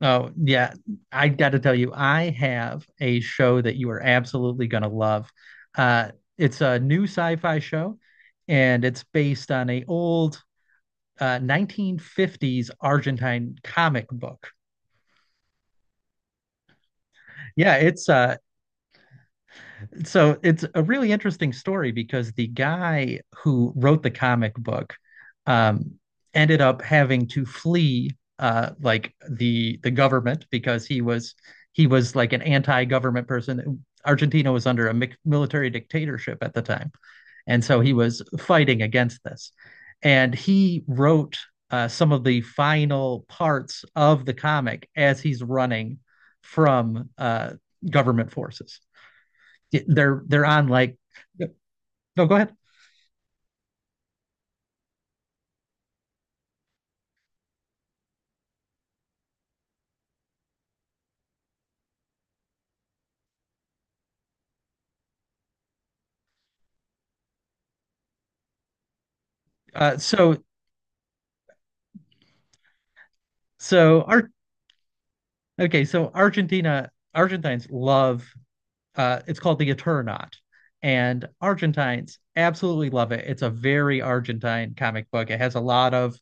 Oh, yeah. I got to tell you, I have a show that you are absolutely going to love. Uh, it's a new sci-fi show, and it's based on a old 1950s Argentine comic book. Yeah, it's so it's a really interesting story because the guy who wrote the comic book um, ended up having to flee like the government because he was like an anti-government person. Argentina was under a military dictatorship at the time, and so he was fighting against this. And he wrote some of the final parts of the comic as he's running from government forces. Yeah, they're on like no, go ahead. So so art Okay, so argentina Argentines love, it's called the Eternaut, and Argentines absolutely love it. It's a very Argentine comic book. It has a lot of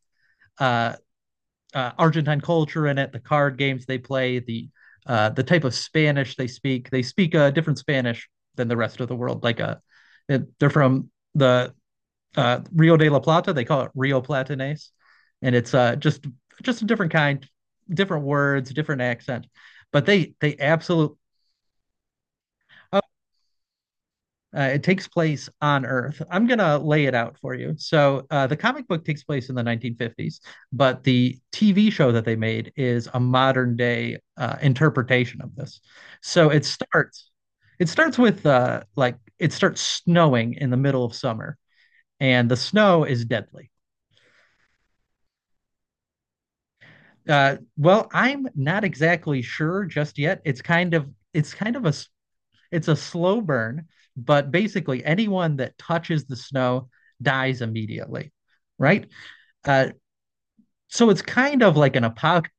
uh, Argentine culture in it, the card games they play, the type of Spanish they speak. They speak a different Spanish than the rest of the world, like a they're from the Rio de la Plata. They call it Rio Platanés, and it's just a different kind, different words, different accent. But they absolutely it takes place on Earth. I'm gonna lay it out for you. So the comic book takes place in the 1950s, but the TV show that they made is a modern day interpretation of this. So it starts it starts with like it starts snowing in the middle of summer, and the snow is deadly. Well, I'm not exactly sure just yet. It's kind of a it's a slow burn, but basically anyone that touches the snow dies immediately, right? Uh, so it's kind of like an apocalypse.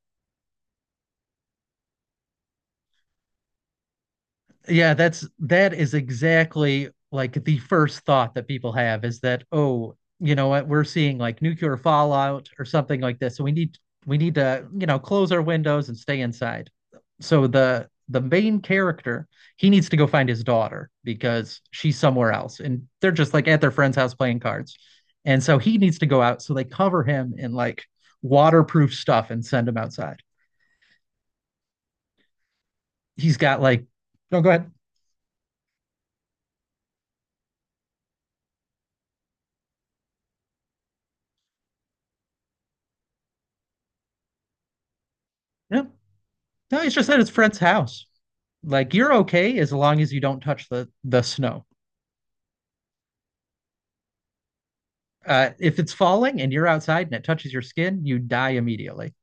Yeah, that's that is exactly like the first thought that people have, is that, oh, you know what, we're seeing like nuclear fallout or something like this. So we need to, you know, close our windows and stay inside. So the main character, he needs to go find his daughter because she's somewhere else and they're just like at their friend's house playing cards. And so he needs to go out. So they cover him in like waterproof stuff and send him outside. He's got like, no, go ahead. Yeah. No, he's just at his friend's house. Like you're okay as long as you don't touch the snow. If it's falling and you're outside and it touches your skin, you die immediately.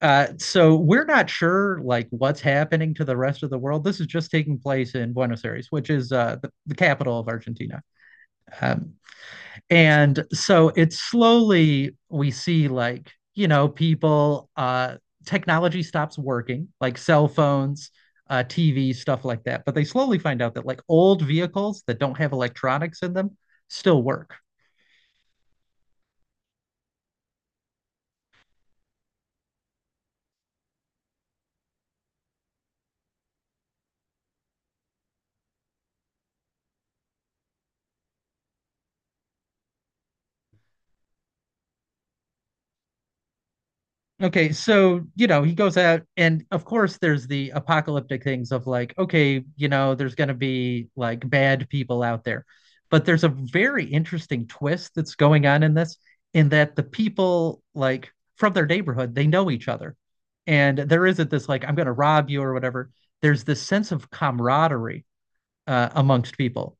So we're not sure like what's happening to the rest of the world. This is just taking place in Buenos Aires, which is the capital of Argentina. Um, And so it's slowly we see like, you know, people, technology stops working, like cell phones, uh, TV, stuff like that. But they slowly find out that like old vehicles that don't have electronics in them still work. Okay, so you know, he goes out, and of course, there's the apocalyptic things of like, okay, you know, there's going to be like bad people out there. But there's a very interesting twist that's going on in this, in that the people, like from their neighborhood, they know each other. And there isn't this like, I'm going to rob you or whatever. There's this sense of camaraderie amongst people.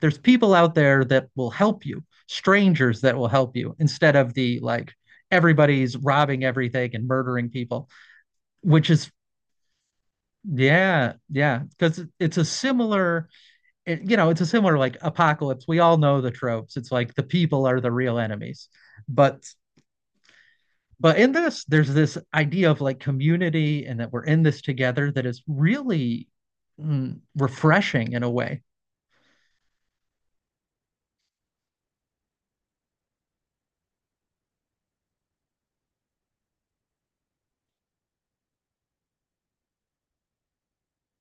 There's people out there that will help you, strangers that will help you, instead of the like everybody's robbing everything and murdering people, which is yeah, yeah, because it's a similar, it, you know, it's a similar like apocalypse. We all know the tropes. It's like the people are the real enemies, but but in this, there's this idea of like community and that we're in this together that is really refreshing in a way.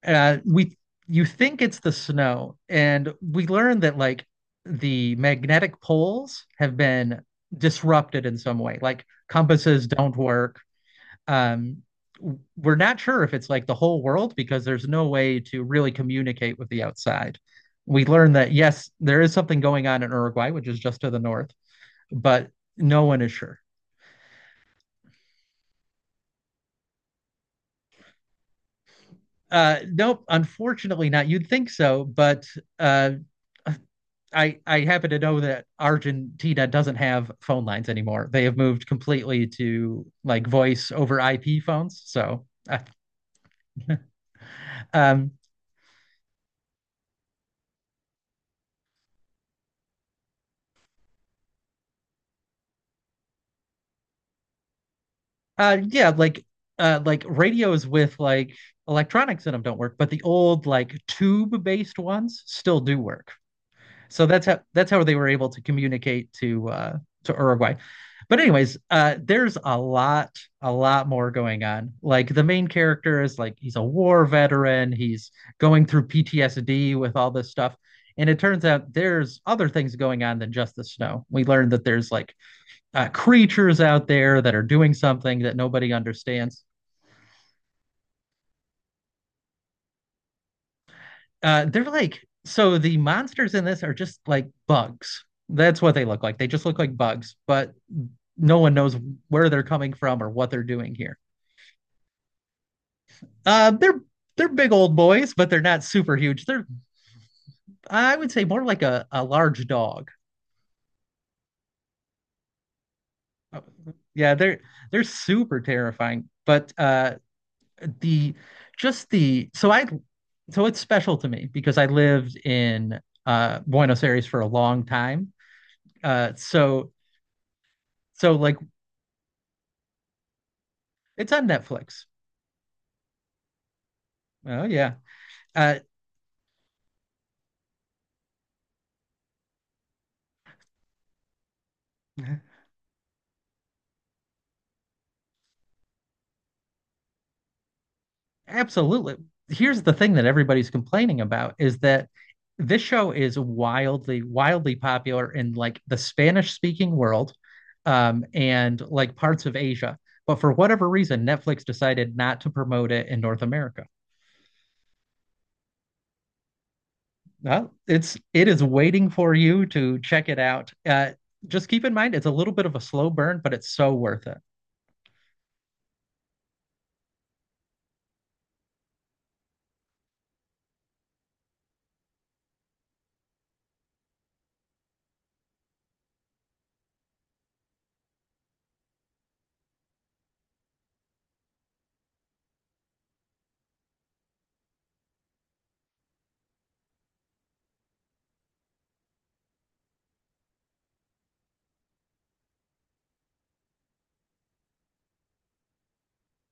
We you think it's the snow, and we learned that like the magnetic poles have been disrupted in some way. Like compasses don't work. Um, we're not sure if it's like the whole world because there's no way to really communicate with the outside. We learned that yes, there is something going on in Uruguay, which is just to the north, but no one is sure. Nope, unfortunately not. You'd think so, but uh, I happen to know that Argentina doesn't have phone lines anymore. They have moved completely to like voice over IP phones. So, um, yeah, like radios with like electronics in them don't work, but the old like tube based ones still do work. So that's how they were able to communicate to Uruguay. But anyways, there's a lot more going on. Like the main character is like he's a war veteran. He's going through PTSD with all this stuff. And it turns out there's other things going on than just the snow. We learned that there's like creatures out there that are doing something that nobody understands. They're like, so the monsters in this are just like bugs. That's what they look like. They just look like bugs, but no one knows where they're coming from or what they're doing here. Uh, they're they're big old boys, but they're not super huge. They're I would say more like a large dog. Yeah, they're super terrifying. But the just the so I so it's special to me because I lived in Buenos Aires for a long time. So so like it's on Netflix. Oh yeah. Uh, absolutely. Here's the thing that everybody's complaining about is that this show is wildly, wildly popular in like the Spanish speaking world, and like parts of Asia. But for whatever reason, Netflix decided not to promote it in North America. Well, it is waiting for you to check it out. Just keep in mind it's a little bit of a slow burn, but it's so worth it.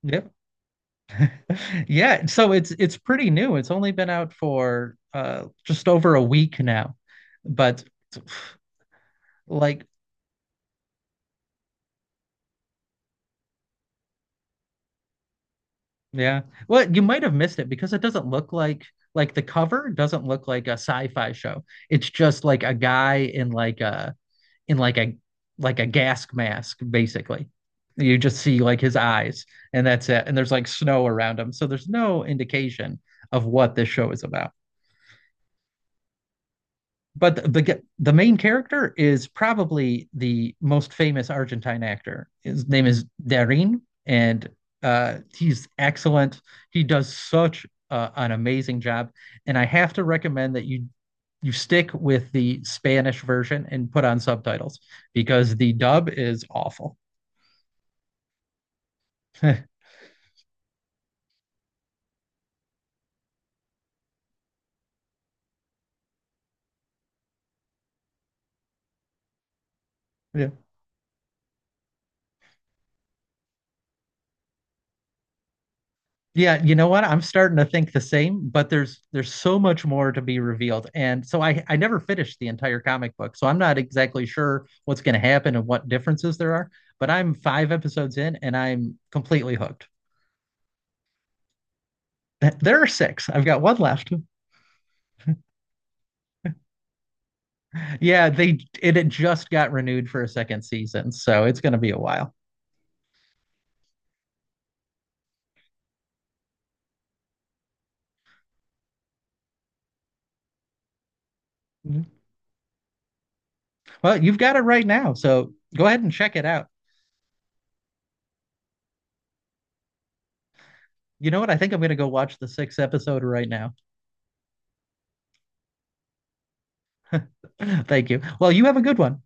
Yep. Yeah, so it's pretty new. It's only been out for uh, just over a week now. But like yeah. Well, you might have missed it because it doesn't look like the cover doesn't look like a sci-fi show. It's just like a guy in in like a like a gas mask basically. You just see like his eyes and that's it. And there's like snow around him. So there's no indication of what this show is about. But the main character is probably the most famous Argentine actor. His name is Darín, and he's excellent. He does such an amazing job, and I have to recommend that you stick with the Spanish version and put on subtitles because the dub is awful. Yeah. Yeah, you know what? I'm starting to think the same, but there's so much more to be revealed. And so I never finished the entire comic book. So I'm not exactly sure what's going to happen and what differences there are, but I'm five episodes in and I'm completely hooked. There are six. I've got one left. Yeah, they it had just got renewed for a second season, so it's going to be a while. Mhm. Well, you've got it right now, so go ahead and check it out. You know what? I think I'm going to go watch the sixth episode right now. Thank you. Well, you have a good one.